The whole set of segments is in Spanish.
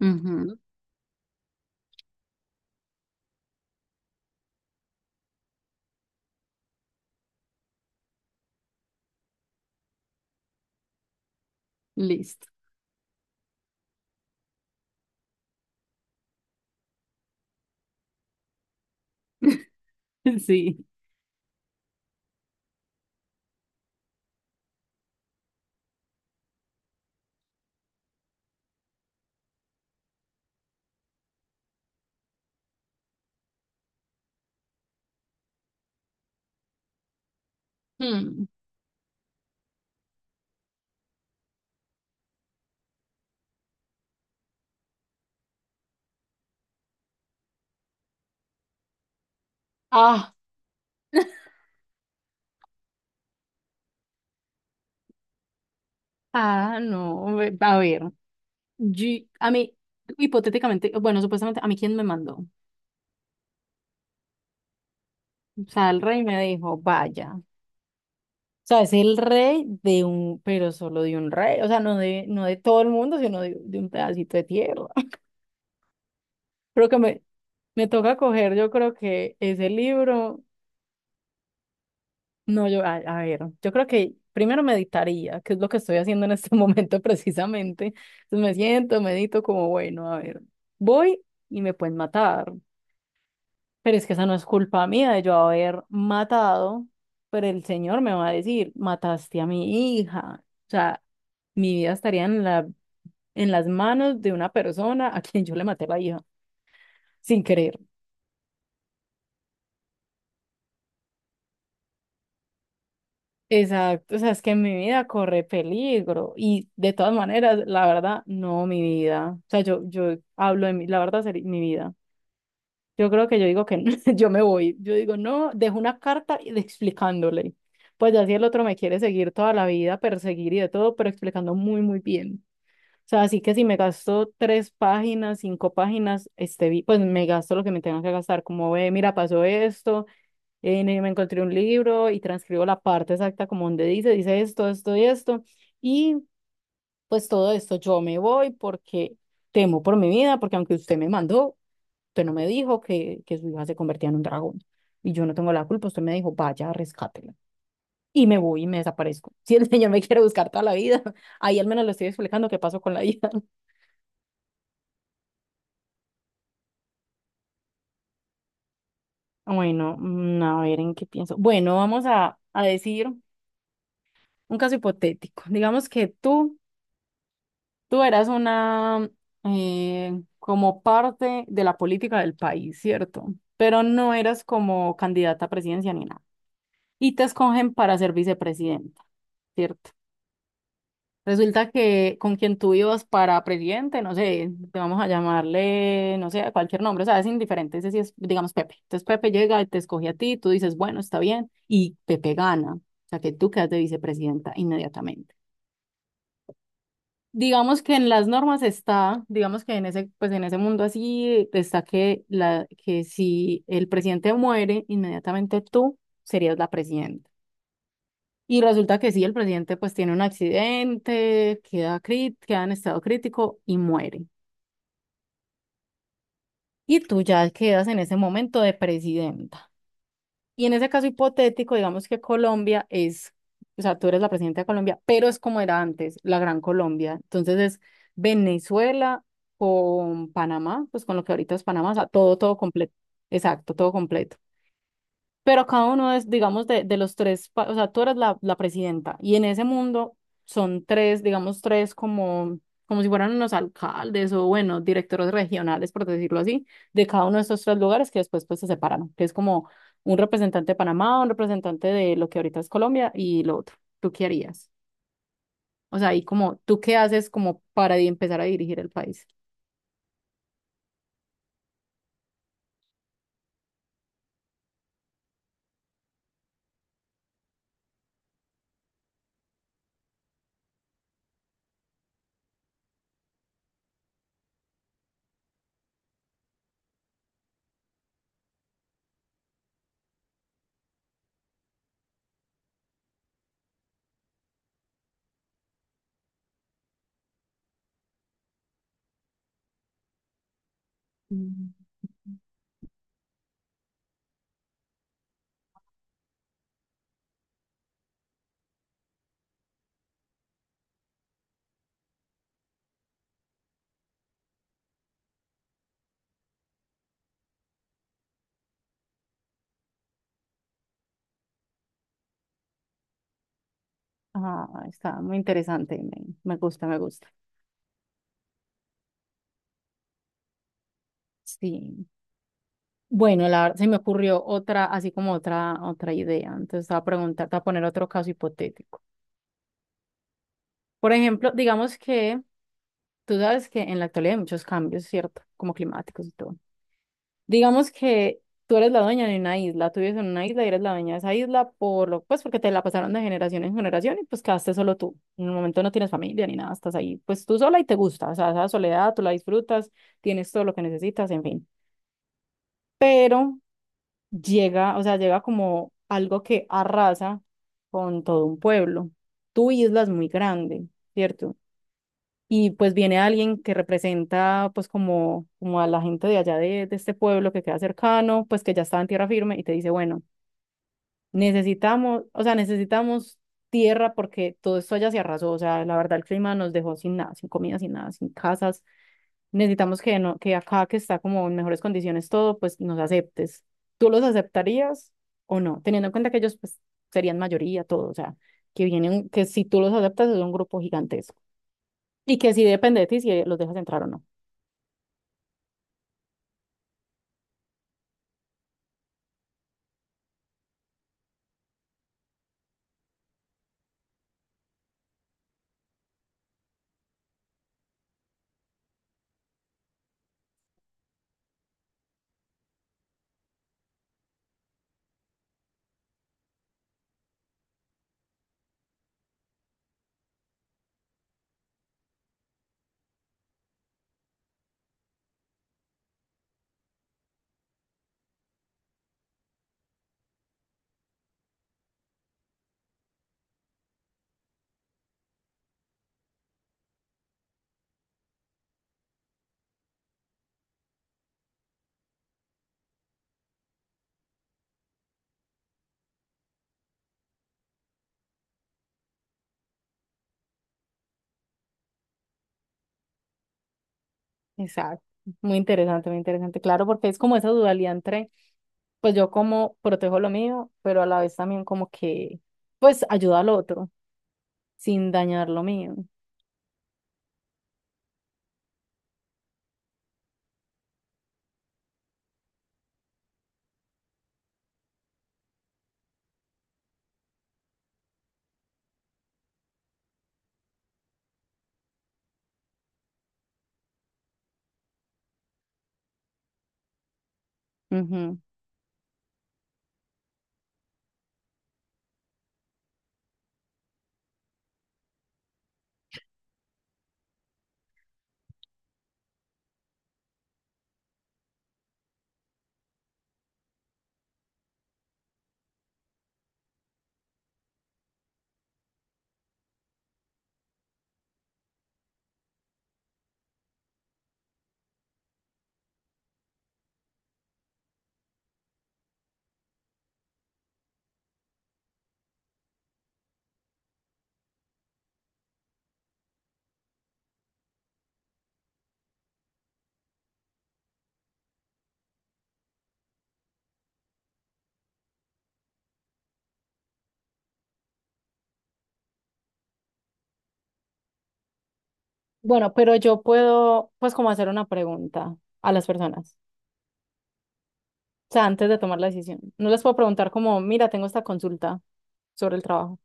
Ujú. Listo. Sí. Hmm. Ah. Ah, no. A ver. Yo, a mí, hipotéticamente, bueno, supuestamente, ¿a mí quién me mandó? O sea, el rey me dijo, vaya. O sea, es el rey de un, pero solo de un rey. O sea, no de todo el mundo, sino de un pedacito de tierra. Creo que me, me toca coger, yo creo que ese libro. No, a ver, yo creo que primero meditaría, que es lo que estoy haciendo en este momento precisamente. Entonces me siento, medito como, bueno, a ver, voy y me pueden matar, pero es que esa no es culpa mía de yo haber matado, pero el Señor me va a decir, mataste a mi hija. O sea, mi vida estaría en las manos de una persona a quien yo le maté la hija, sin querer. Exacto, o sea, es que mi vida corre peligro y de todas maneras, la verdad, no mi vida. O sea, yo hablo de mi, la verdad, sería mi vida. Yo creo que yo digo que no, yo me voy. Yo digo, no, dejo una carta explicándole. Pues ya si el otro me quiere seguir toda la vida, perseguir y de todo, pero explicando muy, muy bien. O sea, así que si me gasto tres páginas, cinco páginas, este, pues me gasto lo que me tenga que gastar. Como ve, mira, pasó esto me encontré un libro y transcribo la parte exacta como donde dice, dice esto, esto y esto. Y pues todo esto yo me voy porque temo por mi vida, porque aunque usted me mandó, usted no me dijo que su hija se convertía en un dragón. Y yo no tengo la culpa, usted me dijo, vaya, rescátela. Y me voy y me desaparezco. Si el señor me quiere buscar toda la vida, ahí al menos le estoy explicando qué pasó con la hija. Bueno, a ver en qué pienso. Bueno, a decir un caso hipotético. Digamos que tú. Tú eras una como parte de la política del país, ¿cierto? Pero no eras como candidata a presidencia ni nada. Y te escogen para ser vicepresidenta, ¿cierto? Resulta que con quien tú ibas para presidente, no sé, te vamos a llamarle, no sé, a cualquier nombre, o sea, es indiferente, ese sí es, digamos, Pepe. Entonces Pepe llega y te escoge a ti, tú dices, bueno, está bien, y Pepe gana. O sea, que tú quedas de vicepresidenta inmediatamente. Digamos que en las normas está, digamos que en ese, pues en ese mundo así está que la, que si el presidente muere, inmediatamente tú serías la presidenta. Y resulta que sí, el presidente pues tiene un accidente, queda crit, queda en estado crítico y muere. Y tú ya quedas en ese momento de presidenta. Y en ese caso hipotético, digamos que Colombia es, o sea, tú eres la presidenta de Colombia, pero es como era antes, la Gran Colombia. Entonces es Venezuela con Panamá, pues con lo que ahorita es Panamá, o sea, todo, todo completo. Exacto, todo completo. Pero cada uno es, digamos, de los tres, o sea, tú eres la presidenta y en ese mundo son tres, digamos, tres como, como si fueran unos alcaldes o, bueno, directores regionales, por decirlo así, de cada uno de estos tres lugares que después pues se separan, que es como un representante de Panamá, un representante de lo que ahorita es Colombia y lo otro. ¿Tú qué harías? O sea, y como, ¿tú qué haces como para empezar a dirigir el país? Ah, está muy interesante, me gusta, me gusta. Sí. Bueno, la, verdad se me ocurrió otra, así como otra, otra idea. Entonces, te voy a preguntar, te voy a poner otro caso hipotético. Por ejemplo, digamos que tú sabes que en la actualidad hay muchos cambios, ¿cierto? Como climáticos y todo. Digamos que tú eres la dueña de una isla, tú vives en una isla y eres la dueña de esa isla por lo, pues porque te la pasaron de generación en generación y pues quedaste solo tú. En el momento no tienes familia ni nada, estás ahí, pues tú sola y te gusta. O sea, esa soledad tú la disfrutas, tienes todo lo que necesitas, en fin. Pero llega, o sea, llega como algo que arrasa con todo un pueblo. Tu isla es muy grande, ¿cierto? Y pues viene alguien que representa pues como, como a la gente de allá de este pueblo que queda cercano, pues que ya está en tierra firme y te dice, bueno, necesitamos, o sea, necesitamos tierra porque todo esto allá se arrasó, o sea, la verdad el clima nos dejó sin nada, sin comida, sin nada, sin casas, necesitamos no, que acá que está como en mejores condiciones todo, pues nos aceptes. ¿Tú los aceptarías o no? Teniendo en cuenta que ellos pues serían mayoría, todo, o sea, que vienen, que si tú los aceptas es un grupo gigantesco y que sí depende de ti si los dejas entrar o no. Exacto. Muy interesante, claro, porque es como esa dualidad entre, pues yo como protejo lo mío, pero a la vez también como que, pues ayuda al otro sin dañar lo mío. Ujú. Bueno, pero yo puedo, pues como hacer una pregunta a las personas. O sea, antes de tomar la decisión. No les puedo preguntar como, mira, tengo esta consulta sobre el trabajo.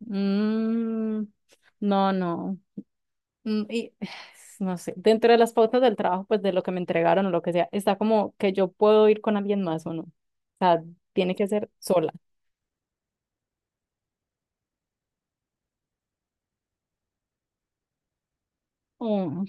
Mm, no, no. Mm, y no sé, dentro de las pautas del trabajo, pues de lo que me entregaron o lo que sea, está como que yo puedo ir con alguien más o no. O sea, tiene que ser sola. Mm,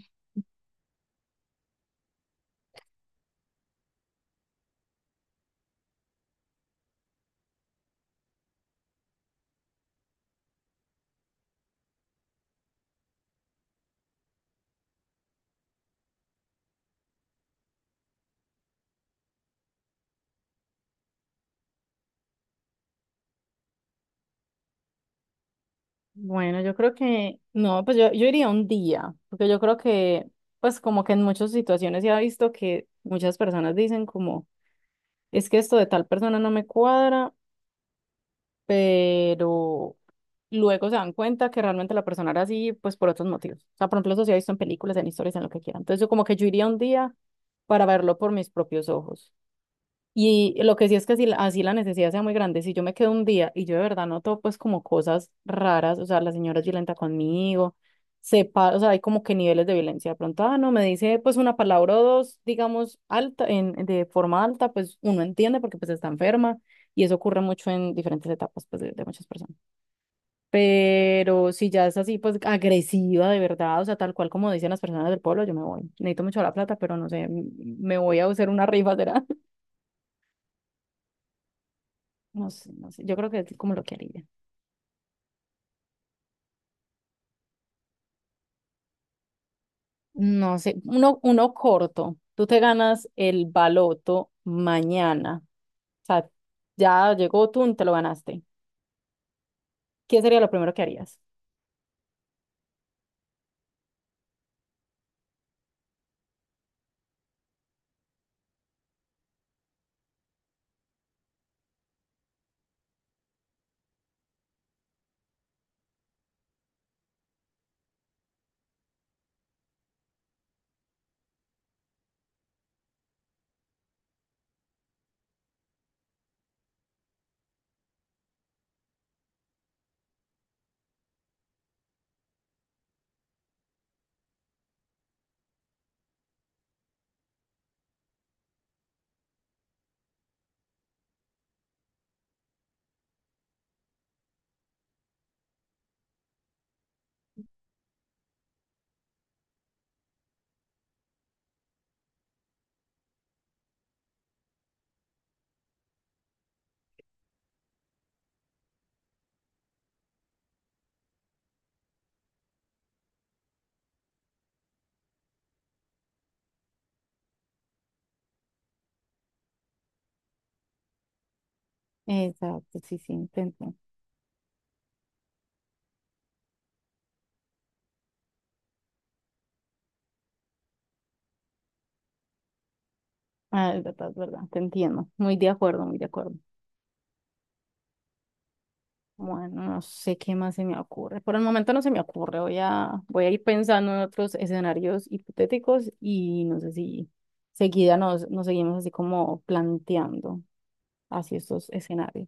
bueno, yo creo que, no, yo iría un día, porque yo creo que, pues como que en muchas situaciones se ha visto que muchas personas dicen como, es que esto de tal persona no me cuadra pero luego se dan cuenta que realmente la persona era así, pues por otros motivos. O sea, por ejemplo, eso se ha visto en películas, en historias, en lo que quieran. Entonces, yo como que yo iría un día para verlo por mis propios ojos. Y lo que sí es que si así la necesidad sea muy grande, si yo me quedo un día y yo de verdad noto pues como cosas raras, o sea, la señora es violenta conmigo, sepa, o sea, hay como que niveles de violencia. De pronto, ah, no, me dice pues una palabra o dos, digamos, alta, de forma alta, pues uno entiende porque pues está enferma y eso ocurre mucho en diferentes etapas pues de muchas personas. Pero si ya es así pues agresiva de verdad, o sea, tal cual como dicen las personas del pueblo, yo me voy. Necesito mucho la plata, pero no sé, me voy a hacer una rifa, ¿será? No sé, no sé. Yo creo que es como lo que haría. No sé, uno, uno corto. Tú te ganas el baloto mañana. O sea, ya llegó tú, te lo ganaste. ¿Qué sería lo primero que harías? Exacto, sí, sí, intento. Ah, es verdad, te entiendo. Muy de acuerdo, muy de acuerdo. Bueno, no sé qué más se me ocurre. Por el momento no se me ocurre. Voy a ir pensando en otros escenarios hipotéticos y no sé si seguida nos, nos seguimos así como planteando así estos escenarios.